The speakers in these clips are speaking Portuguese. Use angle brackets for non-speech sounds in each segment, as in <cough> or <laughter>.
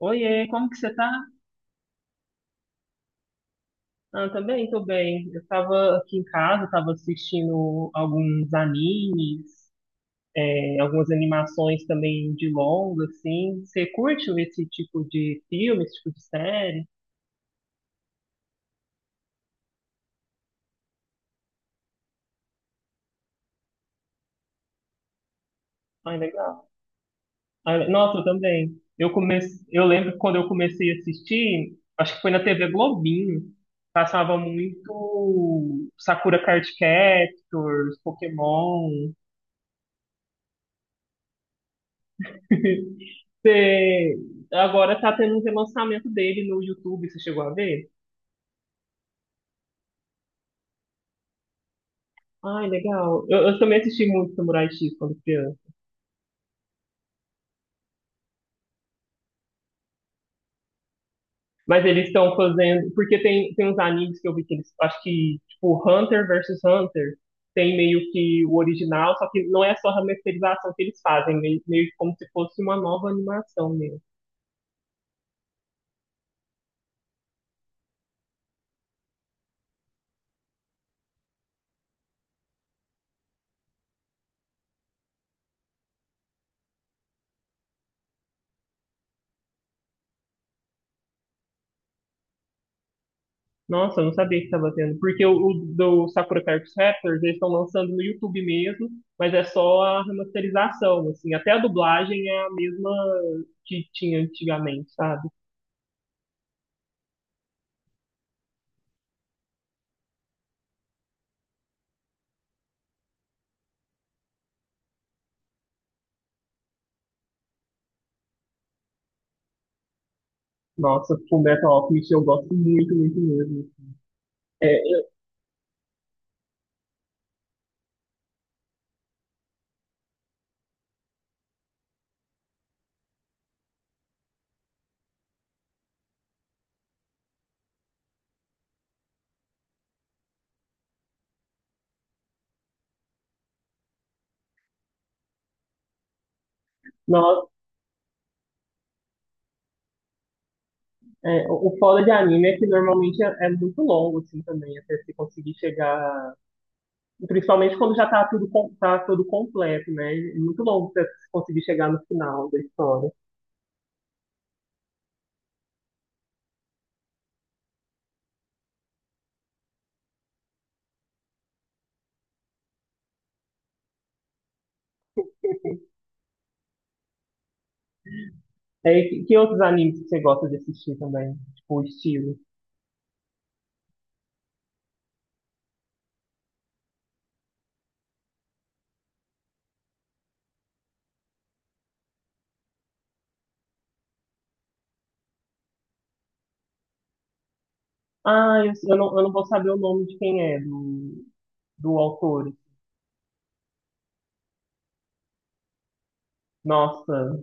Oiê, como que você tá? Ah, também, tô bem. Eu tava aqui em casa, tava assistindo alguns animes, é, algumas animações também de longa, assim. Você curte esse tipo de filme, esse tipo de série? Ah, legal. Ah, nossa, eu também. Eu comecei, eu lembro que quando eu comecei a assistir, acho que foi na TV Globinho, passava muito Sakura Card Captors, Pokémon. Você, agora tá tendo um relançamento dele no YouTube, você chegou a ver? Ai, legal. Eu também assisti muito Samurai X quando criança. Mas eles estão fazendo. Porque tem, uns animes que eu vi que eles. Acho que, tipo, Hunter versus Hunter tem meio que o original, só que não é só a remasterização que eles fazem, meio como se fosse uma nova animação mesmo. Nossa, eu não sabia que estava tendo. Porque o do Sakura Card Captors, eles estão lançando no YouTube mesmo, mas é só a remasterização, assim. Até a dublagem é a mesma que tinha antigamente, sabe? Nossa, Fullmetal Alchemist eu gosto muito, muito mesmo. É, eu, nossa, o foda de anime é que normalmente é muito longo, assim, também, até se conseguir chegar. Principalmente quando já tá tudo, tá tudo completo, né? É muito longo até você conseguir chegar no final da história. É, que outros animes que você gosta de assistir também? Tipo, o estilo. Ah, eu não vou saber o nome de quem é, do autor. Nossa,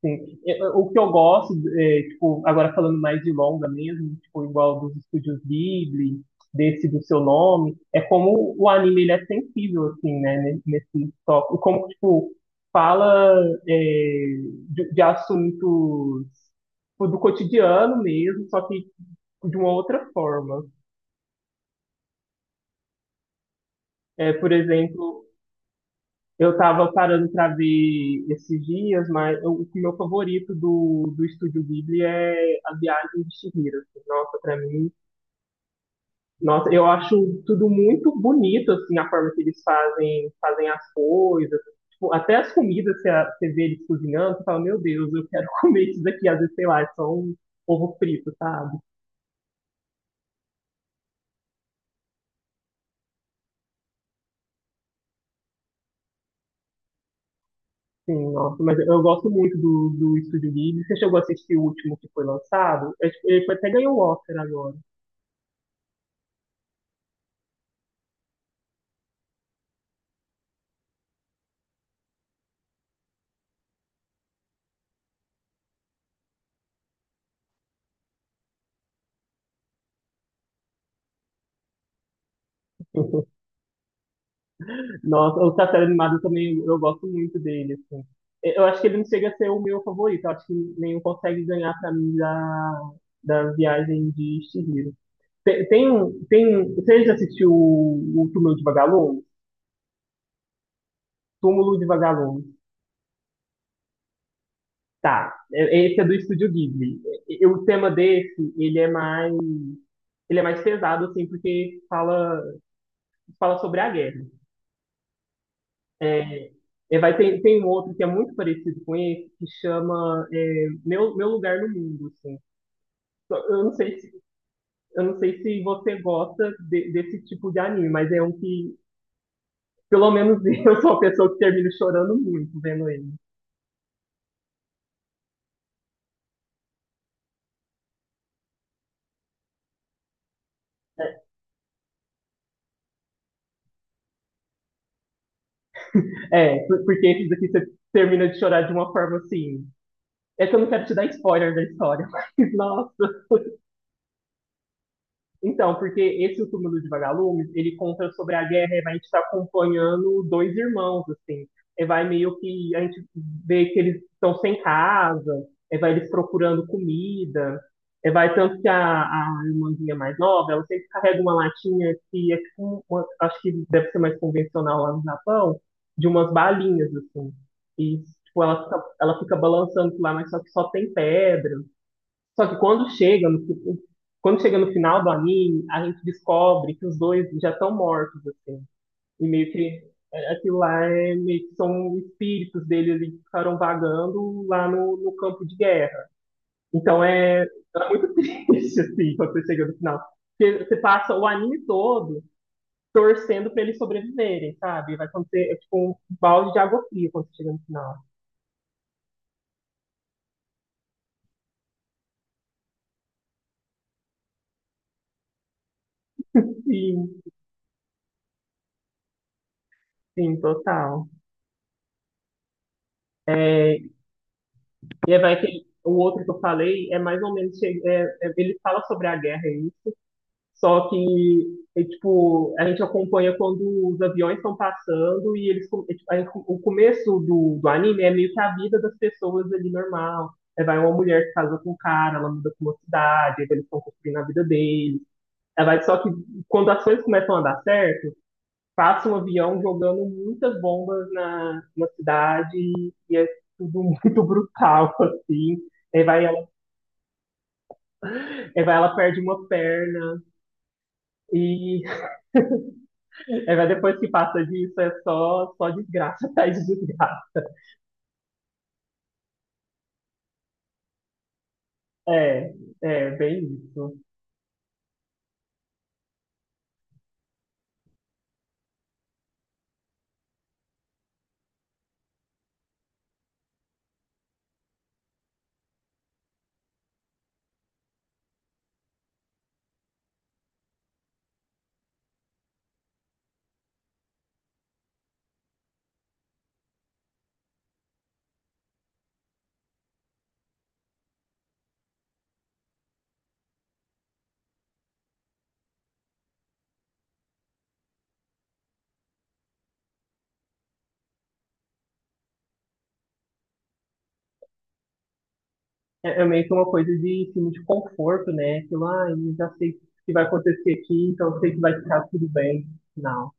sim. O que eu gosto, é, tipo, agora falando mais de longa mesmo, tipo, igual dos estúdios Ghibli, desse do seu nome, é como o anime ele é sensível, assim, né, nesse tópico. Como, tipo, fala é, de assuntos tipo, do cotidiano mesmo, só que de uma outra forma. É, por exemplo, eu tava parando pra ver esses dias, o meu favorito do Estúdio Ghibli é A Viagem de Chihiro, assim. Nossa, pra mim, nossa, eu acho tudo muito bonito, assim, a forma que eles fazem, fazem as coisas. Tipo, até as comidas, você vê eles cozinhando, você fala, meu Deus, eu quero <laughs> comer isso daqui. Às vezes, sei lá, é só um ovo frito, sabe? Sim, nossa, mas eu gosto muito do Estúdio Ghibli. Você chegou a assistir o último que foi lançado? Ele até ganhou o Oscar agora. <laughs> Nossa, o Castelo Animado também eu gosto muito dele, assim. Eu acho que ele não chega a ser o meu favorito. Eu acho que nenhum consegue ganhar pra mim da Viagem de Chihiro. Você já assistiu o Túmulo de Vagalumes? Túmulo de Vagalumes. Tá. Esse é do Estúdio Ghibli. O tema desse, ele é mais pesado, assim, porque fala sobre a guerra. É, é, vai, ter tem um outro que é muito parecido com esse, que chama é, Meu Lugar no Mundo, assim. Eu não sei se, eu não sei se você gosta desse tipo de anime, mas é um que, pelo menos <laughs> eu sou uma pessoa que termina chorando muito vendo ele. É, porque esses aqui você termina de chorar de uma forma assim. É que eu não quero te dar spoiler da história, <laughs> mas nossa. Então, porque esse O Túmulo de Vagalumes, ele conta sobre a guerra, e a gente está acompanhando dois irmãos, assim. E vai meio que a gente vê que eles estão sem casa, e vai eles procurando comida, e vai tanto que a irmãzinha mais nova, ela sempre carrega uma latinha que é tipo, acho que deve ser mais convencional lá no Japão, de umas balinhas, assim. E, tipo, ela fica balançando por lá, mas só que só tem pedra. Só que quando chega no, quando chega no final do anime, a gente descobre que os dois já estão mortos, assim. E meio que é, aquilo lá é meio que são espíritos deles ali que ficaram vagando lá no campo de guerra. Então é, é muito <laughs> triste, assim, quando você chega no final. Porque você passa o anime todo torcendo pra eles sobreviverem, sabe? Vai acontecer, é tipo um balde de água fria quando você chega no final. Sim, sim, total. É, e é, vai que o outro que eu falei é mais ou menos. Ele fala sobre a guerra, é isso. Só que, é, tipo, a gente acompanha quando os aviões estão passando e eles. É, tipo, o começo do anime é meio que a vida das pessoas ali normal. É, vai uma mulher que casa com um cara, ela muda para uma cidade, aí eles estão construindo a vida deles. Só que quando as coisas começam a dar certo passa um avião jogando muitas bombas na cidade e é tudo <laughs> muito brutal, assim. Aí vai ela, aí vai ela perde uma perna e aí vai depois que passa disso é só, só desgraça <laughs> atrás de desgraça. É, é bem isso. É, é meio que uma coisa de filme de conforto, né? Aquilo, ah, eu já sei o que vai acontecer aqui, então eu sei que vai ficar tudo bem. Não.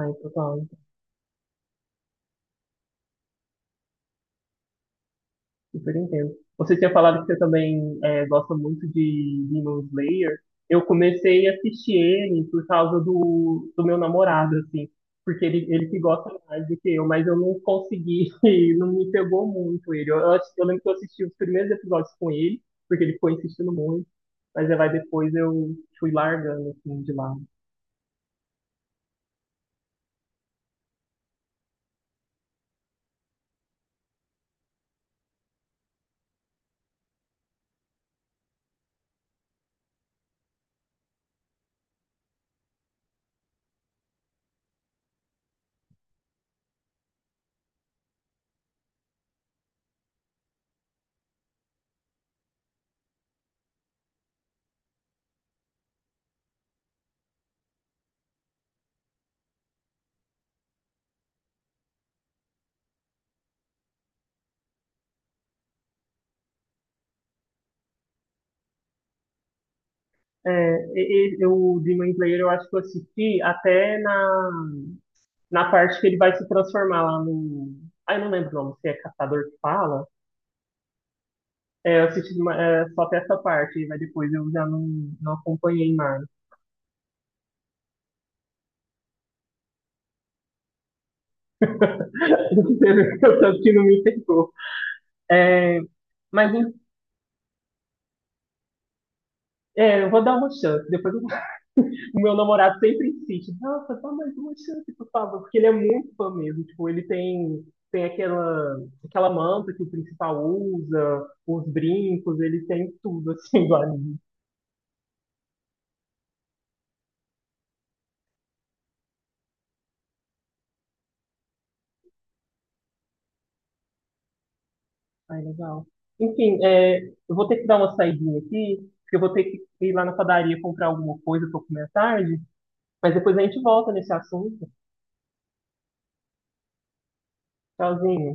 Ai, total. Super entendo. Você tinha falado que você também é, gosta muito de Demon Slayer. Eu comecei a assistir ele por causa do meu namorado, assim, porque ele que gosta mais do que eu, mas eu não consegui, <laughs> não me pegou muito ele. Eu lembro que eu assisti os primeiros episódios com ele, porque ele foi insistindo muito, mas aí vai depois eu fui largando, assim, de lado. É, o Demon Slayer eu acho que eu assisti até na parte que ele vai se transformar lá no. Ah, eu não lembro o nome, se é Caçador que fala. É, só até essa parte, mas depois eu já não acompanhei mais. <laughs> O tanto que não me pegou. É, mas é, eu vou dar uma chance, depois eu o meu namorado sempre insiste, nossa, dá mais uma chance, por favor, porque ele é muito fã mesmo, tipo, ele tem, tem aquela, aquela manta que o principal usa, os brincos, ele tem tudo, assim, do anime. Ai, legal. Enfim, é, eu vou ter que dar uma saidinha aqui, porque eu vou ter que ir lá na padaria comprar alguma coisa pra comer à tarde, mas depois a gente volta nesse assunto. Tchauzinho.